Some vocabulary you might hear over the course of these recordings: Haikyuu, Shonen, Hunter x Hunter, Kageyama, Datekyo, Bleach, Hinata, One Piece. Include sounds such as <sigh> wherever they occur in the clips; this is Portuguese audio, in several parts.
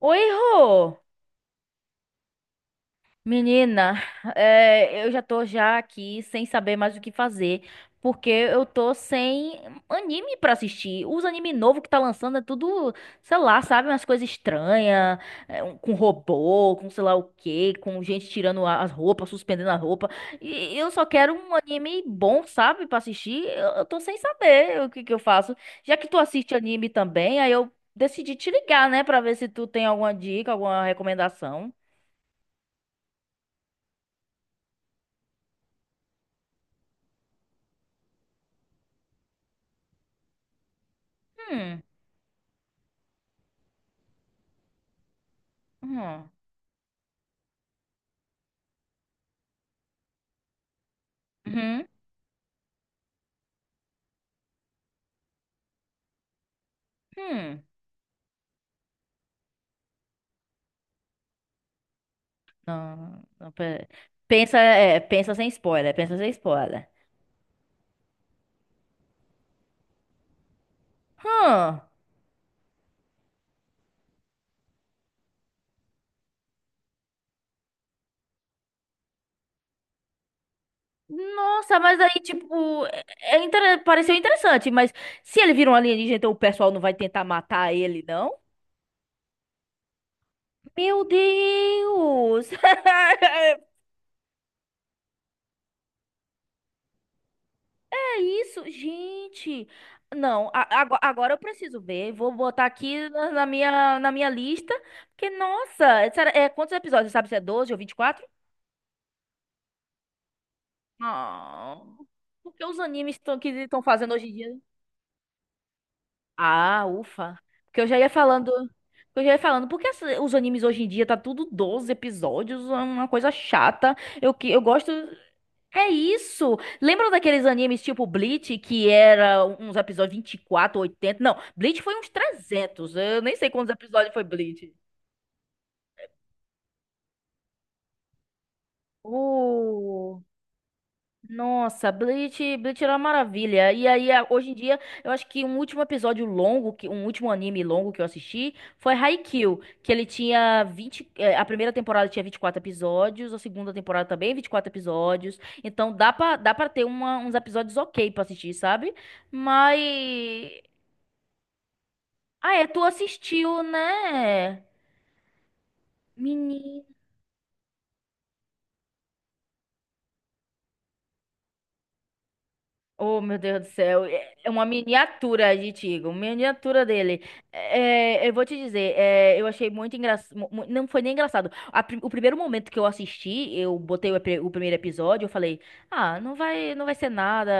Oi, Rô! Menina, eu já tô já aqui sem saber mais o que fazer, porque eu tô sem anime pra assistir. Os anime novo que tá lançando é tudo, sei lá, sabe, umas coisas estranhas, com robô, com sei lá o quê, com gente tirando as roupas, suspendendo a roupa. E eu só quero um anime bom, sabe, pra assistir. Eu tô sem saber o que que eu faço. Já que tu assiste anime também, aí eu decidi te ligar, né, pra ver se tu tem alguma dica, alguma recomendação. Hum, hum, hum, hum. Não, não, pensa, pensa sem spoiler, pensa sem spoiler. Hum, nossa, mas aí, tipo, pareceu interessante, mas se ele vira um alienígena, então o pessoal não vai tentar matar ele, não? Meu Deus! <laughs> É isso, gente! Não, agora eu preciso ver. Vou botar aqui na minha lista. Porque, nossa, quantos episódios? Você sabe se é 12 ou 24? Não. Por que os animes que estão fazendo hoje em dia? Ah, ufa. Porque eu já ia falando. Porque eu já ia falando, porque os animes hoje em dia tá tudo 12 episódios, é uma coisa chata. Eu que eu gosto é isso. Lembra daqueles animes tipo Bleach que era uns episódios 24, 80? Não, Bleach foi uns 300. Eu nem sei quantos episódios foi Bleach. O Nossa, Bleach era uma maravilha. E aí, hoje em dia, eu acho que um último anime longo que eu assisti foi Haikyuu, que ele tinha 20. A primeira temporada tinha 24 episódios, a segunda temporada também 24 episódios. Então dá pra ter uns episódios ok pra assistir, sabe? Mas... Ah, tu assistiu, né? Menino. Oh, meu Deus do céu. É uma miniatura de Tigo, uma miniatura dele. É, eu vou te dizer, eu achei muito engraçado. Não foi nem engraçado. O primeiro momento que eu assisti, eu botei o primeiro episódio, eu falei, ah, não vai ser nada,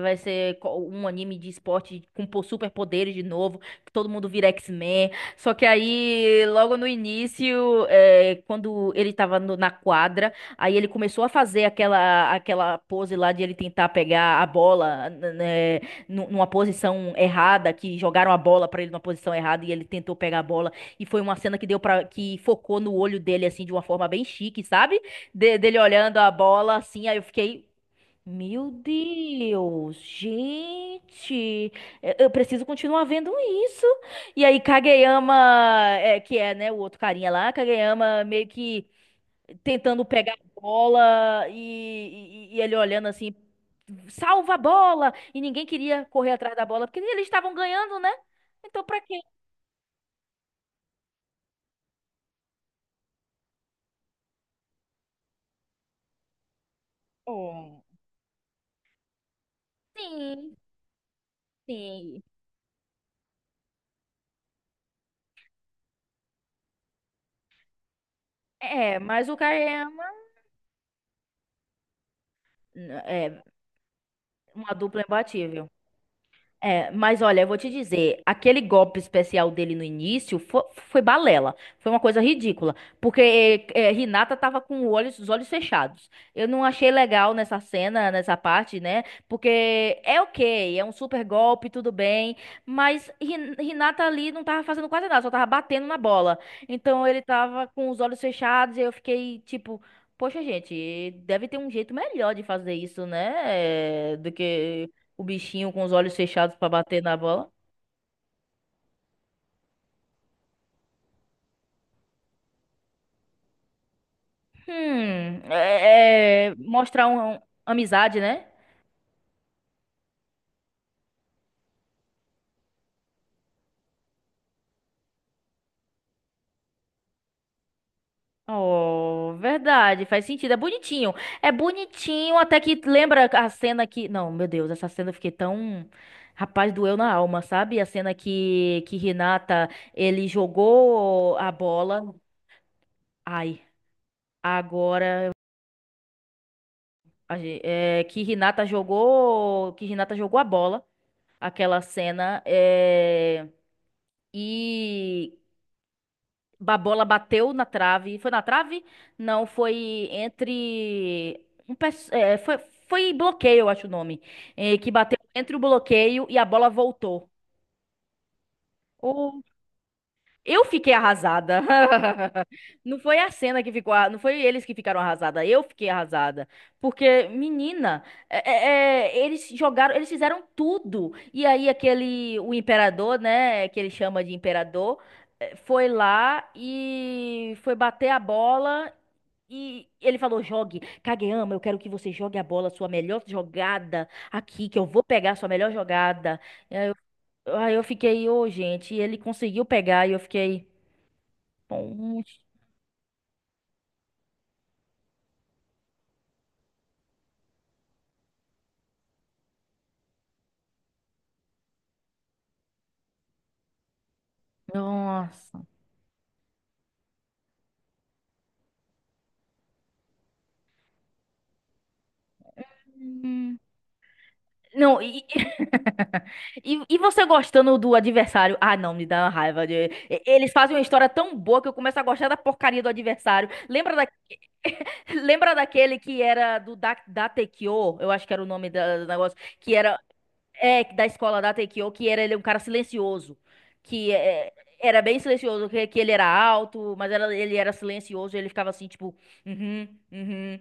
vai ser um anime de esporte com superpoderes de novo, que todo mundo vira X-Men. Só que aí, logo no início, é, quando ele tava na quadra. Aí ele começou a fazer aquela pose lá de ele tentar pegar a bola, né, numa posição errada, que jogaram a bola pra ele numa posição errada e ele tentou pegar a bola e foi uma cena que deu para que focou no olho dele assim de uma forma bem chique, sabe? Dele olhando a bola assim, aí eu fiquei, meu Deus, gente, eu preciso continuar vendo isso. E aí Kageyama, que é, né, o outro carinha lá, Kageyama meio que tentando pegar a bola e ele olhando assim, salva a bola! E ninguém queria correr atrás da bola, porque eles estavam ganhando, né? Então pra quê? Oh, sim, sim. É, mas o Kayama é uma dupla imbatível. É, mas olha, eu vou te dizer, aquele golpe especial dele no início foi, balela, foi uma coisa ridícula, porque é, Hinata tava com os olhos fechados. Eu não achei legal nessa cena, nessa parte, né? Porque é ok, é um super golpe, tudo bem, mas Hinata ali não tava fazendo quase nada, só tava batendo na bola. Então ele tava com os olhos fechados e eu fiquei tipo, poxa, gente, deve ter um jeito melhor de fazer isso, né? Do que o bichinho com os olhos fechados pra bater na bola. É mostrar amizade, né? Oh, verdade, faz sentido. É bonitinho. É bonitinho, até que lembra a cena que. Não, meu Deus, essa cena eu fiquei tão. Rapaz, doeu na alma, sabe? A cena que Renata, ele jogou a bola. Ai, agora. É, que Renata jogou. Que Renata jogou a bola. Aquela cena. É, e a bola bateu na trave. Foi na trave? Não, foi entre. Um, pes- é, foi, foi bloqueio, eu acho o nome. É, que bateu entre o bloqueio e a bola voltou. Eu fiquei arrasada. <laughs> Não foi a cena que ficou, não foi eles que ficaram arrasada, eu fiquei arrasada, porque menina, eles jogaram, eles fizeram tudo. E aí aquele o imperador, né, que ele chama de imperador, foi lá e foi bater a bola e ele falou: "Jogue, Kageyama, eu quero que você jogue a bola, sua melhor jogada aqui, que eu vou pegar a sua melhor jogada." Aí eu fiquei, ô, gente, e ele conseguiu pegar e eu fiquei, "Poxa, nossa." Não, e... <laughs> e você gostando do adversário? Ah, não, me dá uma raiva. Eles fazem uma história tão boa que eu começo a gostar da porcaria do adversário. <laughs> Lembra daquele que era Datekyo? Eu acho que era o nome do negócio. Que era é, da escola da Datekyo, que era ele um cara silencioso. Que é, Era bem silencioso, que ele era alto, mas ele era silencioso e ele ficava assim, tipo... Uhum, uhum.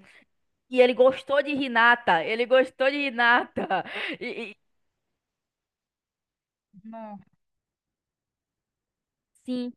E ele gostou de Hinata. Ele gostou de Hinata. E, e- Não. Sim.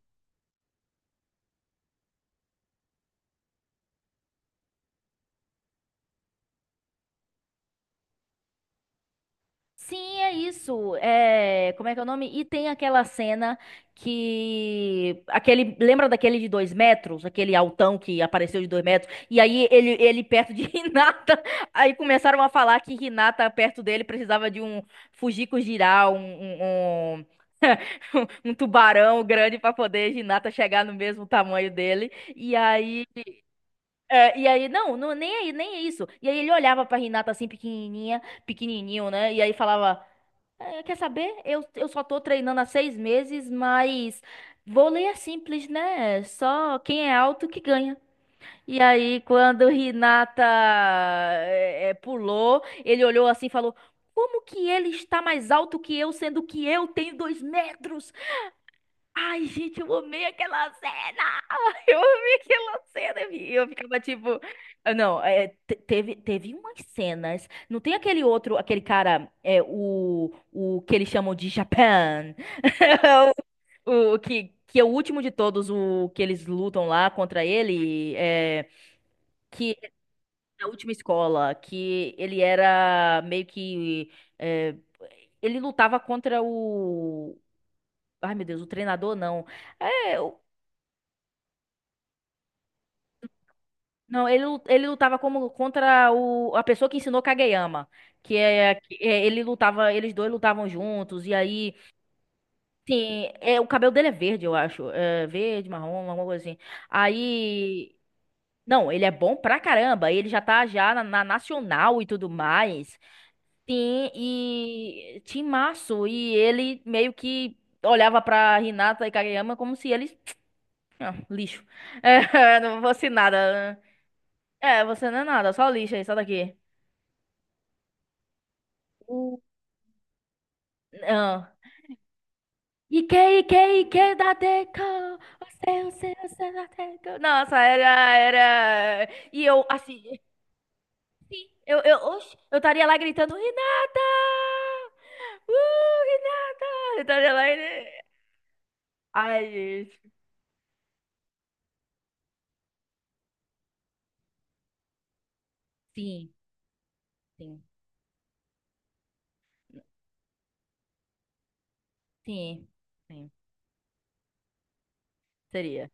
Sim, é isso. É, como é que é o nome? E tem aquela cena que aquele lembra daquele de 2 metros, aquele altão que apareceu de 2 metros. E aí ele perto de <laughs> Hinata. Aí começaram a falar que Hinata perto dele precisava de um Fujiko girar <laughs> um tubarão grande para poder Hinata chegar no mesmo tamanho dele. E aí é, e aí, não, não, nem aí, nem é isso. E aí ele olhava pra Renata assim, pequenininha, pequenininho, né? E aí falava, "É, quer saber? Eu só tô treinando há 6 meses, mas vôlei é simples, né? Só quem é alto que ganha. E aí, quando Renata pulou, ele olhou assim e falou, como que ele está mais alto que eu, sendo que eu tenho 2 metros? Ai, gente, eu amei aquela cena! Eu vi aquela cena e eu ficava tipo, ah, não, teve umas cenas. Não tem aquele outro, aquele cara, é, o que eles chamam de Japan, <laughs> o que é o último de todos, o que eles lutam lá contra ele, é, que é da última escola, que ele era meio que, é, ele lutava contra o, ai meu Deus, o treinador não. É, não, ele lutava como contra o, a pessoa que ensinou Kageyama, ele lutava, eles dois lutavam juntos e aí, sim, é o cabelo dele é verde, eu acho, é verde, marrom, alguma coisa assim. Aí, não, ele é bom pra caramba, ele já tá já na, na nacional e tudo mais. Sim, e timaço e ele meio que olhava pra Hinata e Kageyama como se eles, ah, lixo. <laughs> É, não fosse nada. Né? É, você não é nada, só lixo aí, sai daqui. 우- 어. 이케 da 이케 você da 다데코. Nossa, era... E eu, assim, oxe, eu estaria lá gritando, Renata! Renata! Eu estaria lá... e- Ai, gente. Sim, sim, sim, sim. Seria.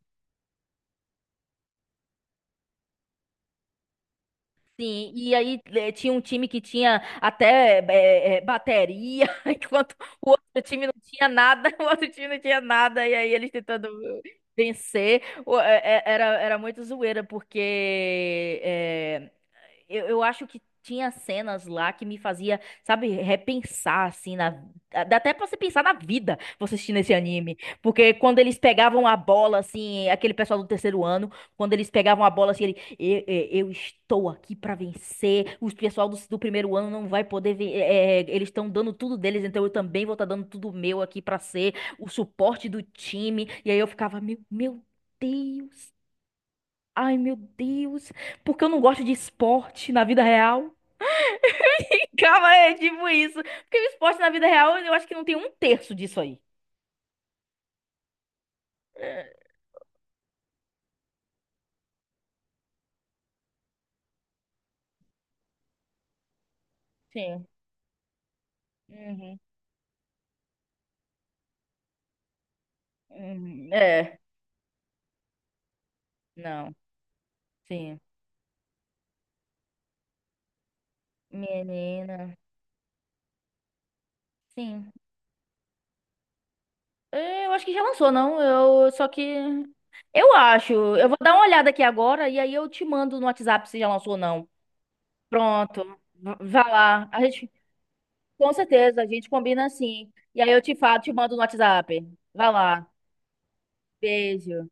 Sim, e aí tinha um time que tinha até bateria, <laughs> enquanto o outro time não tinha nada, <laughs> o outro time não tinha nada, e aí eles tentando vencer. Era, muito zoeira, porque eu acho que tinha cenas lá que me fazia, sabe, repensar, assim, na... Dá até pra você pensar na vida, você assistindo esse anime. Porque quando eles pegavam a bola, assim, aquele pessoal do terceiro ano, quando eles pegavam a bola, assim, eu estou aqui pra vencer, os pessoal do primeiro ano não vai poder ver, eles estão dando tudo deles, então eu também vou estar dando tudo meu aqui pra ser o suporte do time. E aí eu ficava, meu Deus. Ai, meu Deus, porque eu não gosto de esporte na vida real. <laughs> Calma, é tipo isso. Porque o esporte na vida real, eu acho que não tem um terço disso aí. Sim. Uhum. Uhum. É, não. Sim. Menina. Sim. É, eu acho que já lançou, não? Eu só que eu acho. Eu vou dar uma olhada aqui agora e aí eu te mando no WhatsApp se já lançou ou não. Pronto. V- Vá lá. A gente com certeza a gente combina assim. E aí eu te falo, te mando no WhatsApp. Vá lá. Beijo.